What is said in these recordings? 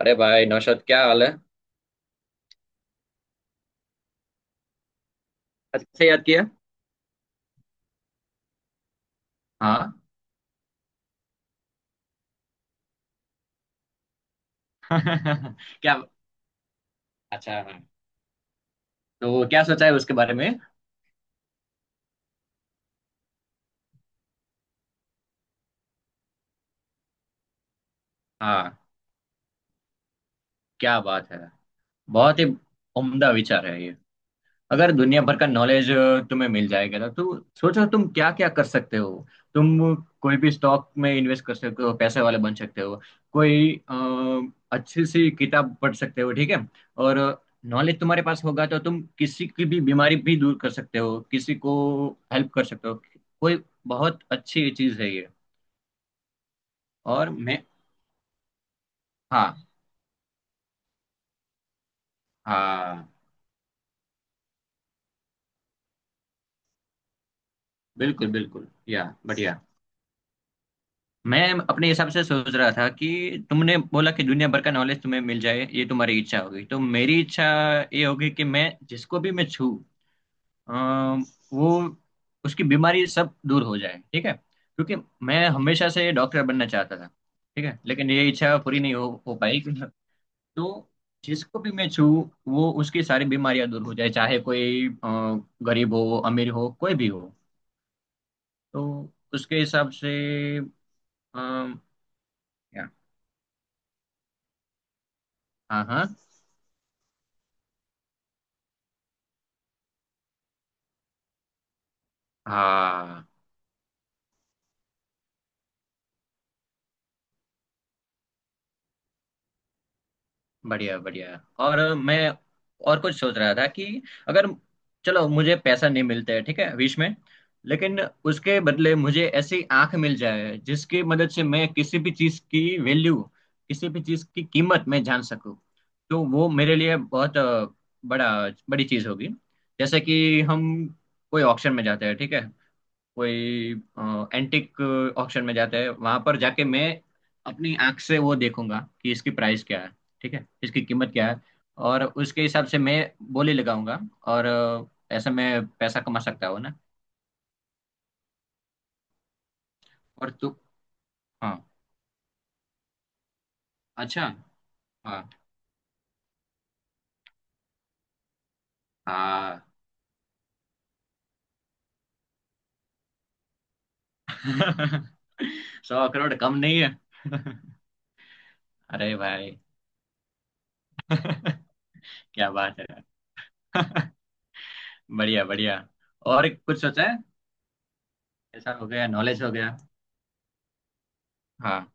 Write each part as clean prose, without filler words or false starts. अरे भाई नौशाद, क्या हाल है। आज कैसे याद किया? हाँ। क्या? अच्छा हाँ। तो क्या सोचा है उसके बारे में? हाँ। क्या बात है, बहुत ही उम्दा विचार है ये। अगर दुनिया भर का नॉलेज तुम्हें मिल जाएगा ना तो सोचो तुम क्या क्या कर सकते हो। तुम कोई भी स्टॉक में इन्वेस्ट कर सकते हो, पैसे वाले बन सकते हो। कोई अच्छी सी किताब पढ़ सकते हो, ठीक है। और नॉलेज तुम्हारे पास होगा तो तुम किसी की भी बीमारी भी दूर कर सकते हो, किसी को हेल्प कर सकते हो। कोई बहुत अच्छी चीज है ये। और मैं। हाँ हाँ। बिल्कुल बिल्कुल, या बढ़िया। मैं अपने हिसाब से सोच रहा था कि तुमने बोला कि दुनिया भर का नॉलेज तुम्हें मिल जाए, ये तुम्हारी इच्छा होगी। तो मेरी इच्छा ये होगी कि मैं जिसको भी मैं छू अम, वो उसकी बीमारी सब दूर हो जाए, ठीक है। क्योंकि मैं हमेशा से डॉक्टर बनना चाहता था, ठीक है। लेकिन ये इच्छा पूरी नहीं हो पाई। तो जिसको भी मैं छू वो उसकी सारी बीमारियां दूर हो जाए, चाहे कोई गरीब हो, अमीर हो, कोई भी हो। तो उसके हिसाब से। अम, क्या? हाँ हाँ हाँ। बढ़िया बढ़िया। और मैं और कुछ सोच रहा था कि अगर, चलो, मुझे पैसा नहीं मिलता है, ठीक है, विश में, लेकिन उसके बदले मुझे ऐसी आंख मिल जाए जिसकी मदद से मैं किसी भी चीज की वैल्यू, किसी भी चीज की कीमत मैं जान सकूं। तो वो मेरे लिए बहुत बड़ा बड़ी चीज होगी। जैसे कि हम कोई ऑक्शन में जाते हैं, ठीक है। कोई एंटिक ऑक्शन में जाते हैं, वहां पर जाके मैं अपनी आंख से वो देखूंगा कि इसकी प्राइस क्या है, ठीक है, इसकी कीमत क्या है। और उसके हिसाब से मैं बोली लगाऊंगा, और ऐसे मैं पैसा कमा सकता हूँ ना। और तू हाँ। अच्छा। हाँ हाँ। 100 करोड़ कम नहीं है। अरे भाई। क्या बात है यार। बढ़िया बढ़िया। और कुछ सोचा है? ऐसा हो गया, नॉलेज हो गया। हाँ।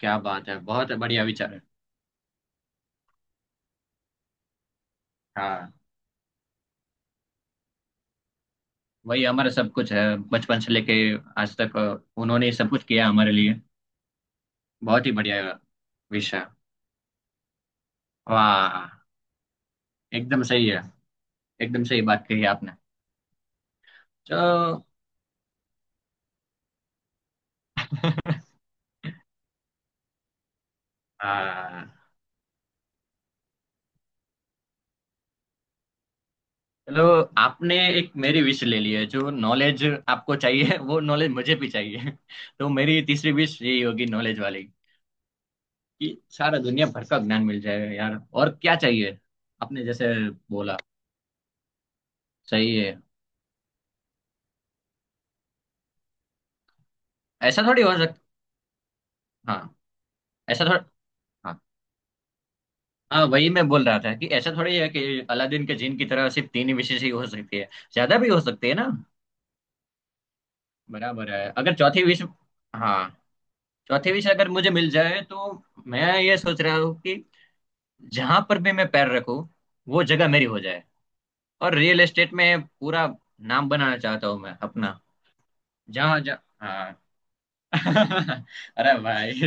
क्या बात है, बहुत बढ़िया विचार है। हाँ, वही हमारा सब कुछ है। बचपन से लेके आज तक उन्होंने ही सब कुछ किया हमारे लिए। बहुत ही बढ़िया। विषय। वाह, एकदम सही है। एकदम सही बात कही आपने। चलो। हाँ, चलो। आपने एक मेरी विश ले ली है, जो नॉलेज आपको चाहिए वो नॉलेज मुझे भी चाहिए। तो मेरी तीसरी विश यही होगी, नॉलेज वाली, कि सारा दुनिया भर का ज्ञान मिल जाए यार, और क्या चाहिए। आपने जैसे बोला, सही है। ऐसा थोड़ी हो सकता। हाँ, ऐसा थोड़ा। हाँ, वही मैं बोल रहा था कि ऐसा थोड़ी है कि अलादीन के जिन की तरह सिर्फ तीन ही विशेष ही हो सकती है, ज्यादा भी हो सकती है ना। बराबर है, अगर चौथी विश। हाँ, चौथी विश अगर मुझे मिल जाए तो मैं ये सोच रहा हूँ कि जहां पर भी मैं पैर रखूँ, वो जगह मेरी हो जाए, और रियल एस्टेट में पूरा नाम बनाना चाहता हूँ मैं अपना। जहाँ जहाँ। हाँ। अरे भाई,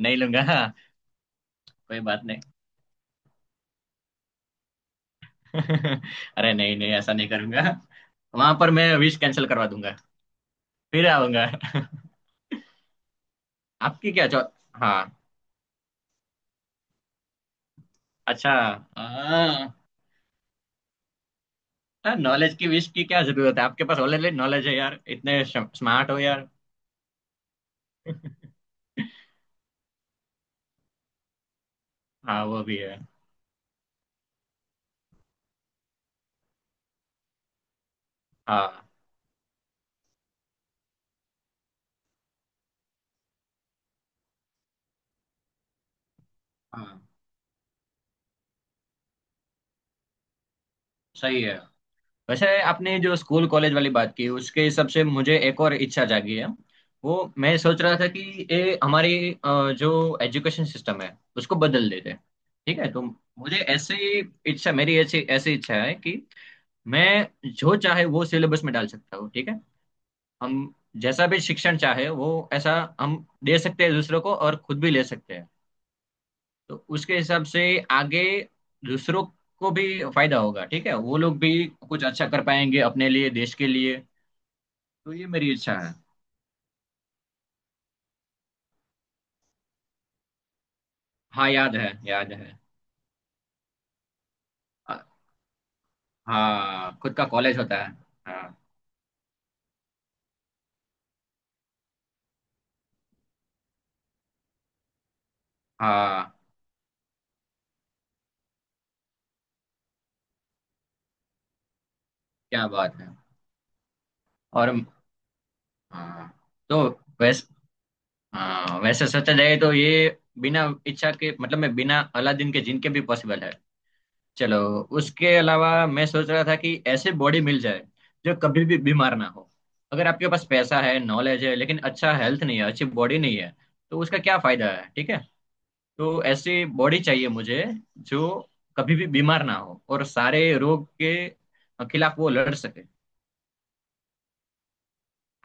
नहीं लूंगा, कोई बात नहीं। अरे नहीं नहीं, ऐसा नहीं करूंगा, वहां पर मैं विश कैंसिल करवा दूंगा, फिर आऊंगा। आपकी क्या, चौ हाँ। अच्छा। हाँ, नॉलेज की विश की क्या जरूरत है, आपके पास ऑलरेडी नॉलेज है यार, इतने स्मार्ट हो यार। हाँ, वो भी है। हाँ हाँ। सही है। वैसे आपने जो स्कूल कॉलेज वाली बात की, उसके हिसाब से मुझे एक और इच्छा जागी है। वो मैं सोच रहा था कि ये हमारी जो एजुकेशन सिस्टम है, उसको बदल देते, ठीक है। तो मुझे ऐसी इच्छा, मेरी ऐसी ऐसी इच्छा है कि मैं जो चाहे वो सिलेबस में डाल सकता हूँ, ठीक है। हम जैसा भी शिक्षण चाहे, वो ऐसा हम दे सकते हैं दूसरों को और खुद भी ले सकते हैं। तो उसके हिसाब से आगे दूसरों को भी फायदा होगा, ठीक है, वो लोग भी कुछ अच्छा कर पाएंगे अपने लिए, देश के लिए। तो ये मेरी इच्छा है। हाँ याद है, याद है। अ- हाँ, खुद का कॉलेज होता है। हाँ हाँ। क्या बात है। और हाँ। तो वैस हाँ, वैसे सोचा जाए तो ये बिना इच्छा के, मतलब मैं बिना अलादीन के जिनके भी पॉसिबल है। चलो। उसके अलावा मैं सोच रहा था कि ऐसे बॉडी मिल जाए जो कभी भी बीमार ना हो। अगर आपके पास पैसा है, नॉलेज है, लेकिन अच्छा हेल्थ नहीं है, अच्छी बॉडी नहीं है, तो उसका क्या फायदा है, ठीक है। तो ऐसी बॉडी चाहिए मुझे जो कभी भी बीमार ना हो और सारे रोग के खिलाफ वो लड़ सके।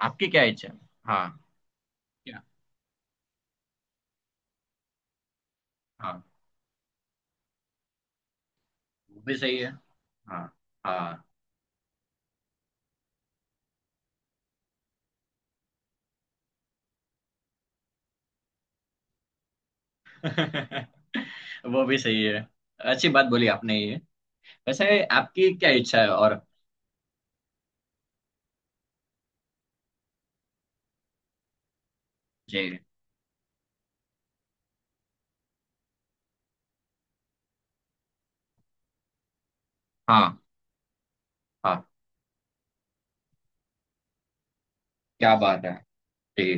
आपकी क्या इच्छा है? हाँ। क्या? हाँ, वो भी सही है। हाँ हाँ। वो भी सही है। अच्छी बात बोली आपने ये। वैसे आपकी क्या इच्छा है और? जी। हाँ हाँ। क्या बात है। जी।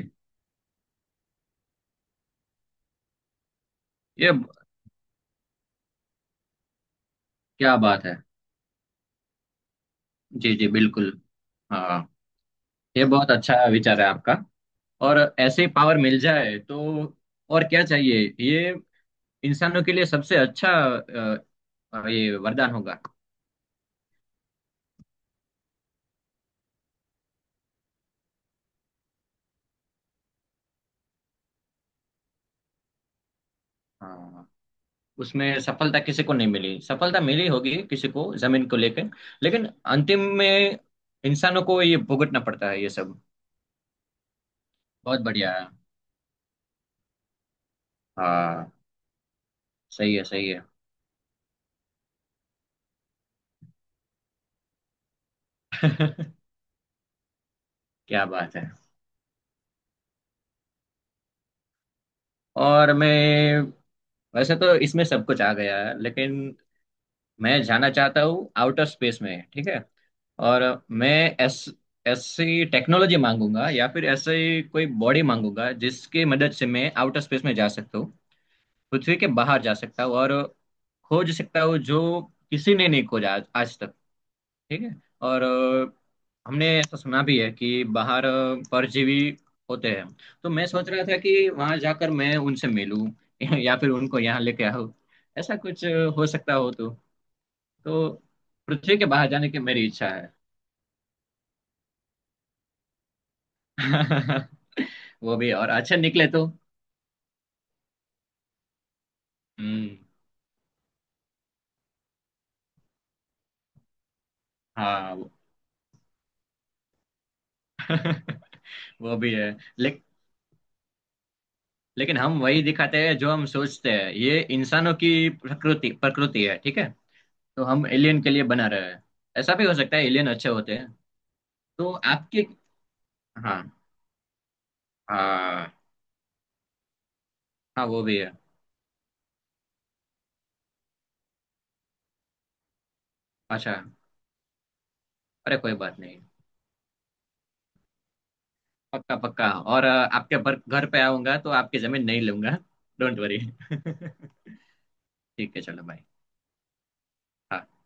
ये क्या बात है। जी जी, बिल्कुल। हाँ, ये बहुत अच्छा विचार है आपका। और ऐसे पावर मिल जाए तो और क्या चाहिए, ये इंसानों के लिए सबसे अच्छा ये वरदान होगा। हाँ, उसमें सफलता किसी को नहीं मिली, सफलता मिली होगी किसी को जमीन को लेकर, लेकिन अंतिम में इंसानों को ये भुगतना पड़ता है ये सब। बहुत बढ़िया है। हाँ, सही है सही है। क्या बात है। और मैं, वैसे तो इसमें सब कुछ आ गया है, लेकिन मैं जाना चाहता हूँ आउटर स्पेस में, ठीक है। और मैं ऐस ऐसी टेक्नोलॉजी मांगूंगा या फिर ऐसी कोई बॉडी मांगूंगा जिसकी मदद से मैं आउटर स्पेस में जा सकता हूँ, पृथ्वी के बाहर जा सकता हूँ और खोज सकता हूँ जो किसी ने नहीं खोजा आज आज तक, ठीक है। और हमने ऐसा सुना भी है कि बाहर परजीवी होते हैं, तो मैं सोच रहा था कि वहां जाकर मैं उनसे मिलूं, या फिर उनको यहाँ लेके आऊं, ऐसा कुछ हो सकता हो तो। तो पृथ्वी के बाहर जाने की मेरी इच्छा है। वो भी, और अच्छे निकले तो। हम्म। हाँ, वो भी है। ले, लेकिन हम वही दिखाते हैं जो हम सोचते हैं, ये इंसानों की प्रकृति प्रकृति है, ठीक है। तो हम एलियन के लिए बना रहे हैं, ऐसा भी हो सकता है एलियन अच्छे होते हैं। तो आपके। हाँ हाँ। हाँ, वो भी है। अच्छा। अरे कोई बात नहीं। पक्का पक्का। और आपके पर घर पे आऊंगा तो आपकी जमीन नहीं लूंगा। Don't worry. ठीक है, चलो भाई। हाँ।